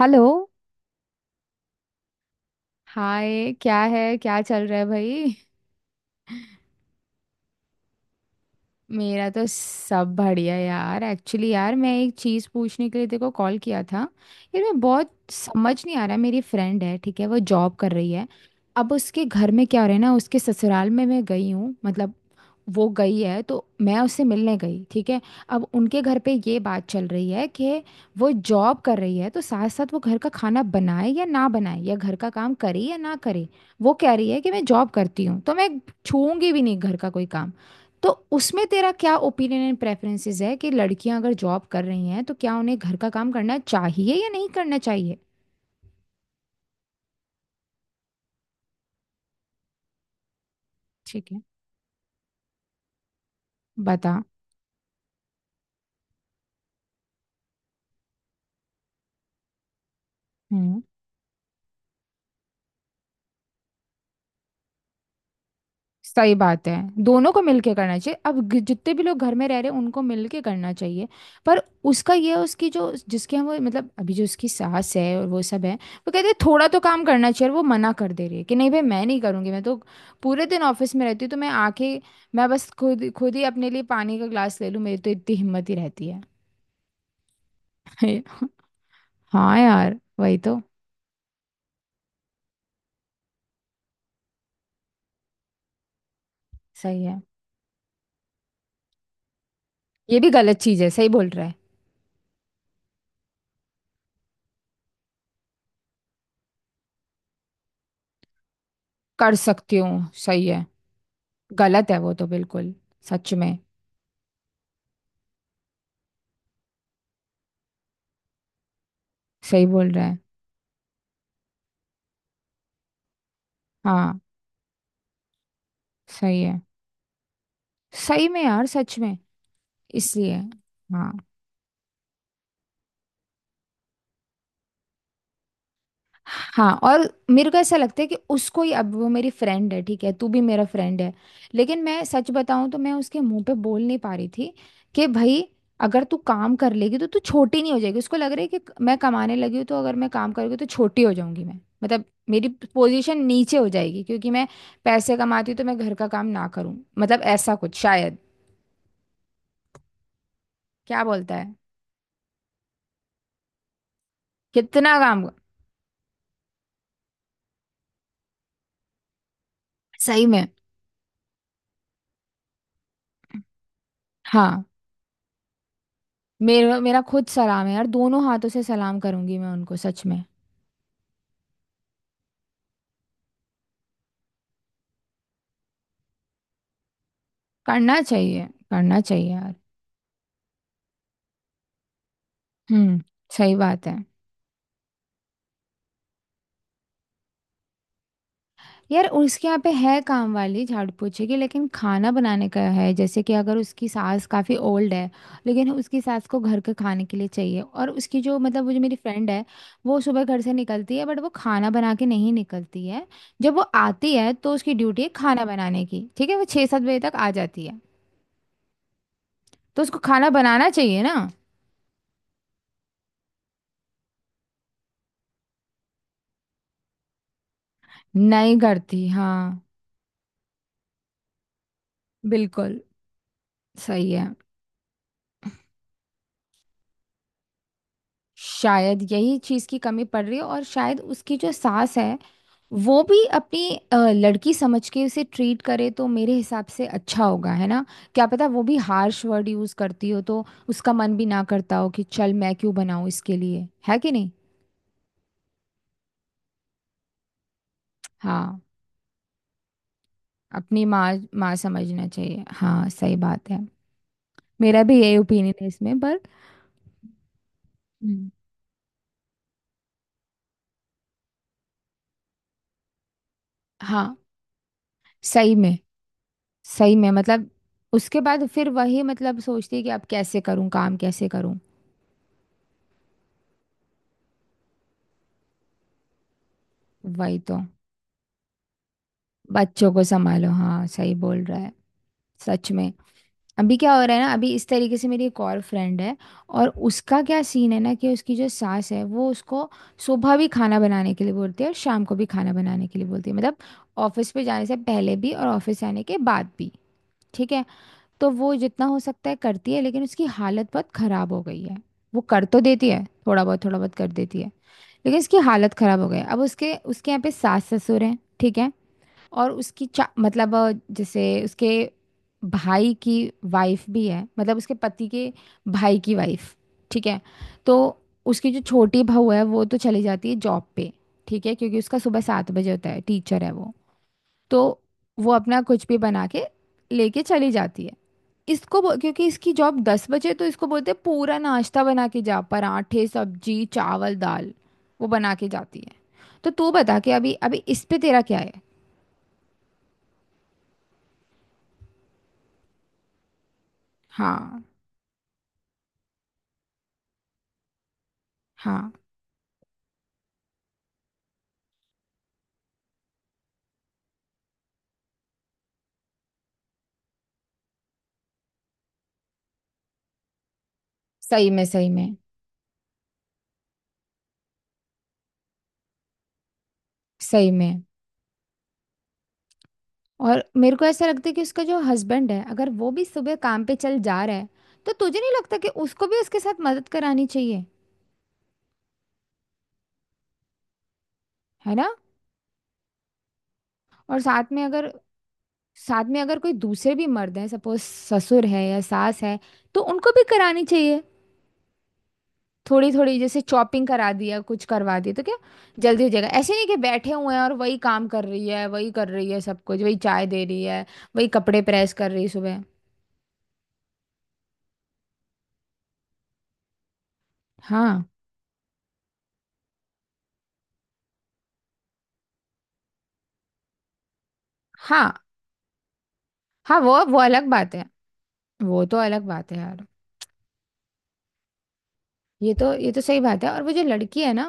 Hello. Hi. क्या है, क्या चल रहा है भाई? मेरा तो सब बढ़िया यार। एक्चुअली यार, मैं एक चीज़ पूछने के लिए तेरे को कॉल किया था। यार, मैं बहुत समझ नहीं आ रहा। मेरी फ्रेंड है, ठीक है, वो जॉब कर रही है। अब उसके घर में क्या हो रहा है ना, उसके ससुराल में मैं गई हूँ, मतलब वो गई है तो मैं उससे मिलने गई, ठीक है। अब उनके घर पे ये बात चल रही है कि वो जॉब कर रही है तो साथ साथ वो घर का खाना बनाए या ना बनाए, या घर का काम करे या ना करे। वो कह रही है कि मैं जॉब करती हूँ तो मैं छूऊंगी भी नहीं घर का कोई काम। तो उसमें तेरा क्या ओपिनियन एंड प्रेफरेंसेस है कि लड़कियां अगर जॉब कर रही हैं तो क्या उन्हें घर का काम करना चाहिए या नहीं करना चाहिए? ठीक है। बता। हम्म। सही बात है। दोनों को मिलके करना चाहिए। अब जितने भी लोग घर में रह रहे हैं उनको मिलके करना चाहिए। पर उसका ये है, उसकी जो जिसके हम वो मतलब, अभी जो उसकी सास है और वो सब है, वो कहते हैं थोड़ा तो काम करना चाहिए। और वो मना कर दे रही है कि नहीं भाई मैं नहीं करूँगी, मैं तो पूरे दिन ऑफिस में रहती हूँ, तो मैं आके मैं बस खुद खुद ही अपने लिए पानी का ग्लास ले लूँ, मेरी तो इतनी हिम्मत ही रहती है। हे- हाँ यार, वही तो। सही है। ये भी गलत चीज है, सही बोल रहा है। कर सकती हूँ, सही है। गलत है वो तो, बिल्कुल। सच में। सही बोल रहा है। हाँ, सही है। सही में यार, सच में। इसलिए। हाँ, हाँ। और मेरे को ऐसा लगता है कि उसको ही, अब वो मेरी फ्रेंड है ठीक है, तू भी मेरा फ्रेंड है। लेकिन मैं सच बताऊं तो मैं उसके मुंह पे बोल नहीं पा रही थी कि भाई, अगर तू काम कर लेगी तो तू छोटी नहीं हो जाएगी। उसको लग रहा है कि मैं कमाने लगी हूँ तो अगर मैं काम करूँगी तो छोटी हो जाऊंगी मैं, मतलब मेरी पोजीशन नीचे हो जाएगी क्योंकि मैं पैसे कमाती हूँ तो मैं घर का काम ना करूँ, मतलब ऐसा कुछ शायद। क्या बोलता है? कितना काम। सही में। हाँ, मेरा मेरा खुद सलाम है यार, दोनों हाथों से सलाम करूंगी मैं उनको, सच में। करना चाहिए, करना चाहिए यार। हम्म। सही बात है। यार, उसके यहाँ पे है काम वाली, झाड़ू पोछे की। लेकिन खाना बनाने का है, जैसे कि अगर उसकी सास काफ़ी ओल्ड है। लेकिन उसकी सास को घर के खाने के लिए चाहिए। और उसकी जो, मतलब वो जो मेरी फ्रेंड है, वो सुबह घर से निकलती है बट वो खाना बना के नहीं निकलती है। जब वो आती है तो उसकी ड्यूटी है खाना बनाने की, ठीक है। वो 6-7 बजे तक आ जाती है। तो उसको खाना बनाना चाहिए ना? नहीं करती, हाँ। बिल्कुल। सही है। शायद यही चीज की कमी पड़ रही है। और शायद उसकी जो सास है, वो भी अपनी लड़की समझ के उसे ट्रीट करे तो मेरे हिसाब से अच्छा होगा, है ना? क्या पता वो भी हार्श वर्ड यूज करती हो, तो उसका मन भी ना करता हो कि चल मैं क्यों बनाऊं इसके लिए, है कि नहीं? हाँ। अपनी माँ, माँ समझना चाहिए, हाँ। सही बात है। मेरा भी यही ओपिनियन है इसमें पर, हम्म, हाँ, सही में। सही में मतलब, उसके बाद फिर वही मतलब सोचती है कि अब कैसे करूँ काम, कैसे करूँ। वही तो। बच्चों को संभालो, हाँ, सही बोल रहा है। सच में। अभी क्या हो रहा है ना, अभी इस तरीके से मेरी एक और फ्रेंड है। और उसका क्या सीन है ना कि उसकी जो सास है, वो उसको सुबह भी खाना बनाने के लिए बोलती है और शाम को भी खाना बनाने के लिए बोलती है, मतलब ऑफिस पे जाने से पहले भी और ऑफिस से आने के बाद भी, ठीक है। तो वो जितना हो सकता है करती है, लेकिन उसकी हालत बहुत खराब हो गई है। वो कर तो देती है, थोड़ा बहुत कर देती है। लेकिन उसकी हालत खराब हो गई है। अब उसके उसके यहाँ पे सास ससुर हैं, ठीक है। और उसकी चा मतलब जैसे उसके भाई की वाइफ भी है, मतलब उसके पति के भाई की वाइफ, ठीक है। तो उसकी जो छोटी बहू है वो तो चली जाती है जॉब पे, ठीक है, क्योंकि उसका सुबह 7 बजे होता है, टीचर है वो। तो वो अपना कुछ भी बना के लेके चली जाती है। इसको क्योंकि इसकी जॉब 10 बजे है, तो इसको बोलते हैं पूरा नाश्ता बना के जा, पराठे, सब्जी, चावल, दाल। वो बना के जाती है। तो तू बता के, अभी अभी इस पे तेरा क्या है? हाँ, हाँ। सही में, सही में, सही में। और मेरे को ऐसा लगता है कि उसका जो हस्बैंड है, अगर वो भी सुबह काम पे चल जा रहा है, तो तुझे नहीं लगता कि उसको भी उसके साथ मदद करानी चाहिए? है ना। और साथ में अगर, कोई दूसरे भी मर्द हैं, सपोज ससुर है या सास है, तो उनको भी करानी चाहिए, थोड़ी थोड़ी। जैसे चॉपिंग करा दिया, कुछ करवा दिया तो क्या जल्दी हो जाएगा? ऐसे नहीं कि बैठे हुए हैं और वही काम कर रही है, वही कर रही है सब कुछ, वही चाय दे रही है, वही कपड़े प्रेस कर रही है सुबह। हाँ, हाँ, हाँ। वो अलग बात है, वो तो अलग बात है यार। ये तो सही बात है। और वो जो लड़की है ना,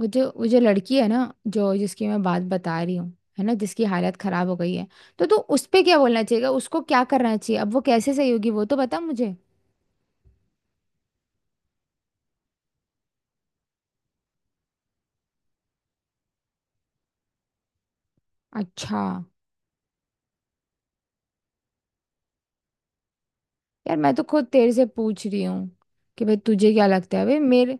वो जो लड़की है ना, जो जिसकी मैं बात बता रही हूँ, है ना, जिसकी हालत खराब हो गई है। तो तू उस पे क्या बोलना चाहिएगा, उसको क्या करना चाहिए, अब वो कैसे सही होगी, वो तो बता मुझे। अच्छा। यार, मैं तो खुद तेरे से पूछ रही हूँ कि भाई तुझे क्या लगता है, भाई मेरे।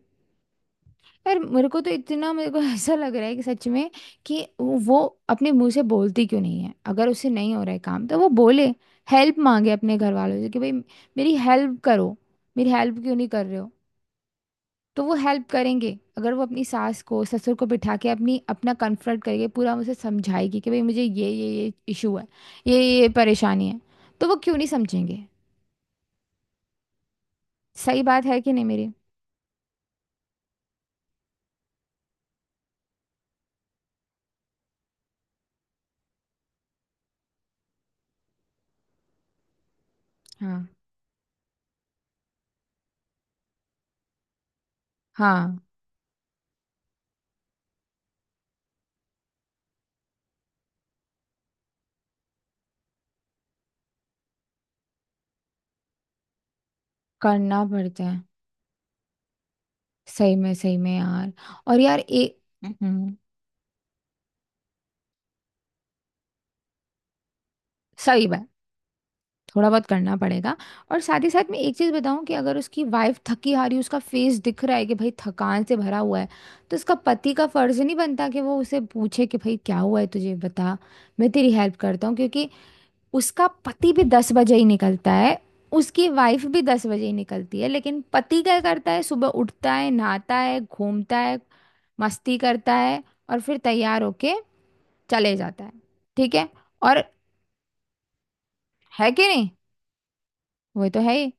पर मेरे को तो इतना, मेरे को ऐसा लग रहा है कि सच में, कि वो अपने मुंह से बोलती क्यों नहीं है? अगर उससे नहीं हो रहा है काम तो वो बोले, हेल्प मांगे अपने घर वालों से कि भाई मेरी हेल्प करो, मेरी हेल्प क्यों नहीं कर रहे हो? तो वो हेल्प करेंगे। अगर वो अपनी सास को, ससुर को बिठा के, अपनी अपना कन्फ्रंट करेंगे पूरा, उसे समझाएगी कि भाई मुझे ये इशू है, ये परेशानी है, तो वो क्यों नहीं समझेंगे? सही बात है कि नहीं मेरी? हाँ, हाँ। करना पड़ता है। सही में, सही में यार। और यार एक, हम्म, सही बात। थोड़ा बहुत करना पड़ेगा। और साथ ही साथ मैं एक चीज़ बताऊं कि अगर उसकी वाइफ थकी हारी, उसका फेस दिख रहा है कि भाई थकान से भरा हुआ है, तो उसका पति का फर्ज नहीं बनता कि वो उसे पूछे कि भाई क्या हुआ है तुझे, बता मैं तेरी हेल्प करता हूँ? क्योंकि उसका पति भी 10 बजे ही निकलता है, उसकी वाइफ भी 10 बजे ही निकलती है, लेकिन पति क्या करता है, सुबह उठता है, नहाता है, घूमता है, मस्ती करता है, और फिर तैयार होके चले जाता है, ठीक है। और है कि नहीं? वो तो है ही।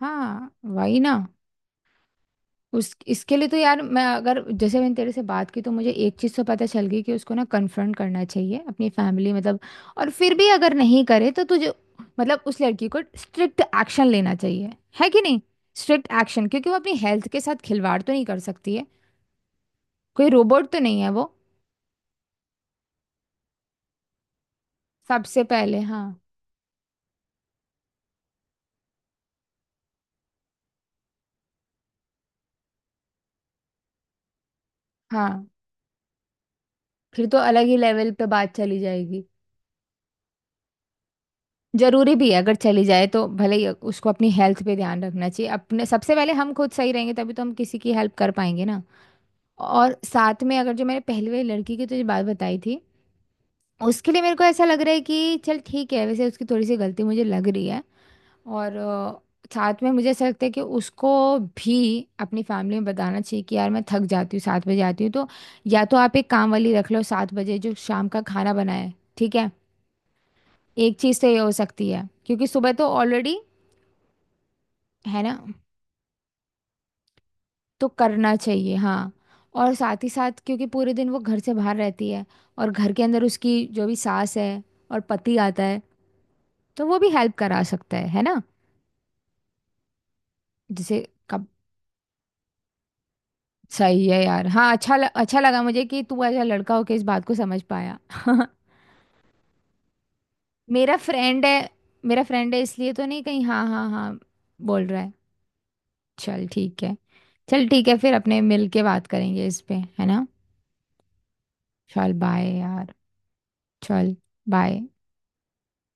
हाँ, वही ना। उस इसके लिए तो यार, मैं, अगर जैसे मैंने तेरे से बात की तो मुझे एक चीज़ तो पता चल गई कि उसको ना कन्फ्रंट करना चाहिए अपनी फैमिली, मतलब। और फिर भी अगर नहीं करे तो तुझे मतलब, उस लड़की को स्ट्रिक्ट एक्शन लेना चाहिए, है कि नहीं? स्ट्रिक्ट एक्शन, क्योंकि वो अपनी हेल्थ के साथ खिलवाड़ तो नहीं कर सकती है। कोई रोबोट तो नहीं है वो। सबसे पहले, हाँ, हाँ। फिर तो अलग ही लेवल पे बात चली जाएगी। जरूरी भी है, अगर चली जाए तो, भले ही। उसको अपनी हेल्थ पे ध्यान रखना चाहिए अपने, सबसे पहले। हम खुद सही रहेंगे तभी तो हम किसी की हेल्प कर पाएंगे ना। और साथ में, अगर जो मैंने पहली वाली लड़की की तुझे बात बताई थी, उसके लिए मेरे को ऐसा लग रहा है कि चल ठीक है, वैसे उसकी थोड़ी सी गलती मुझे लग रही है। और साथ में मुझे ऐसा लगता है कि उसको भी अपनी फैमिली में बताना चाहिए कि यार, मैं थक जाती हूँ, 7 बजे आती हूँ तो, या तो आप एक काम वाली रख लो 7 बजे जो शाम का खाना बनाए, ठीक है। एक चीज़ तो ये हो सकती है, क्योंकि सुबह तो ऑलरेडी है ना। तो करना चाहिए, हाँ। और साथ ही साथ, क्योंकि पूरे दिन वो घर से बाहर रहती है, और घर के अंदर उसकी जो भी सास है, और पति आता है, तो वो भी हेल्प करा सकता है ना। जैसे कब, सही है यार, हाँ। अच्छा अच्छा लगा मुझे कि तू ऐसा लड़का होके इस बात को समझ पाया। मेरा फ्रेंड है, मेरा फ्रेंड है इसलिए तो नहीं कहीं, हाँ हाँ हाँ बोल रहा है। चल ठीक है, चल ठीक है, फिर अपने मिल के बात करेंगे इस पे, है ना। चल बाय यार। चल बाय।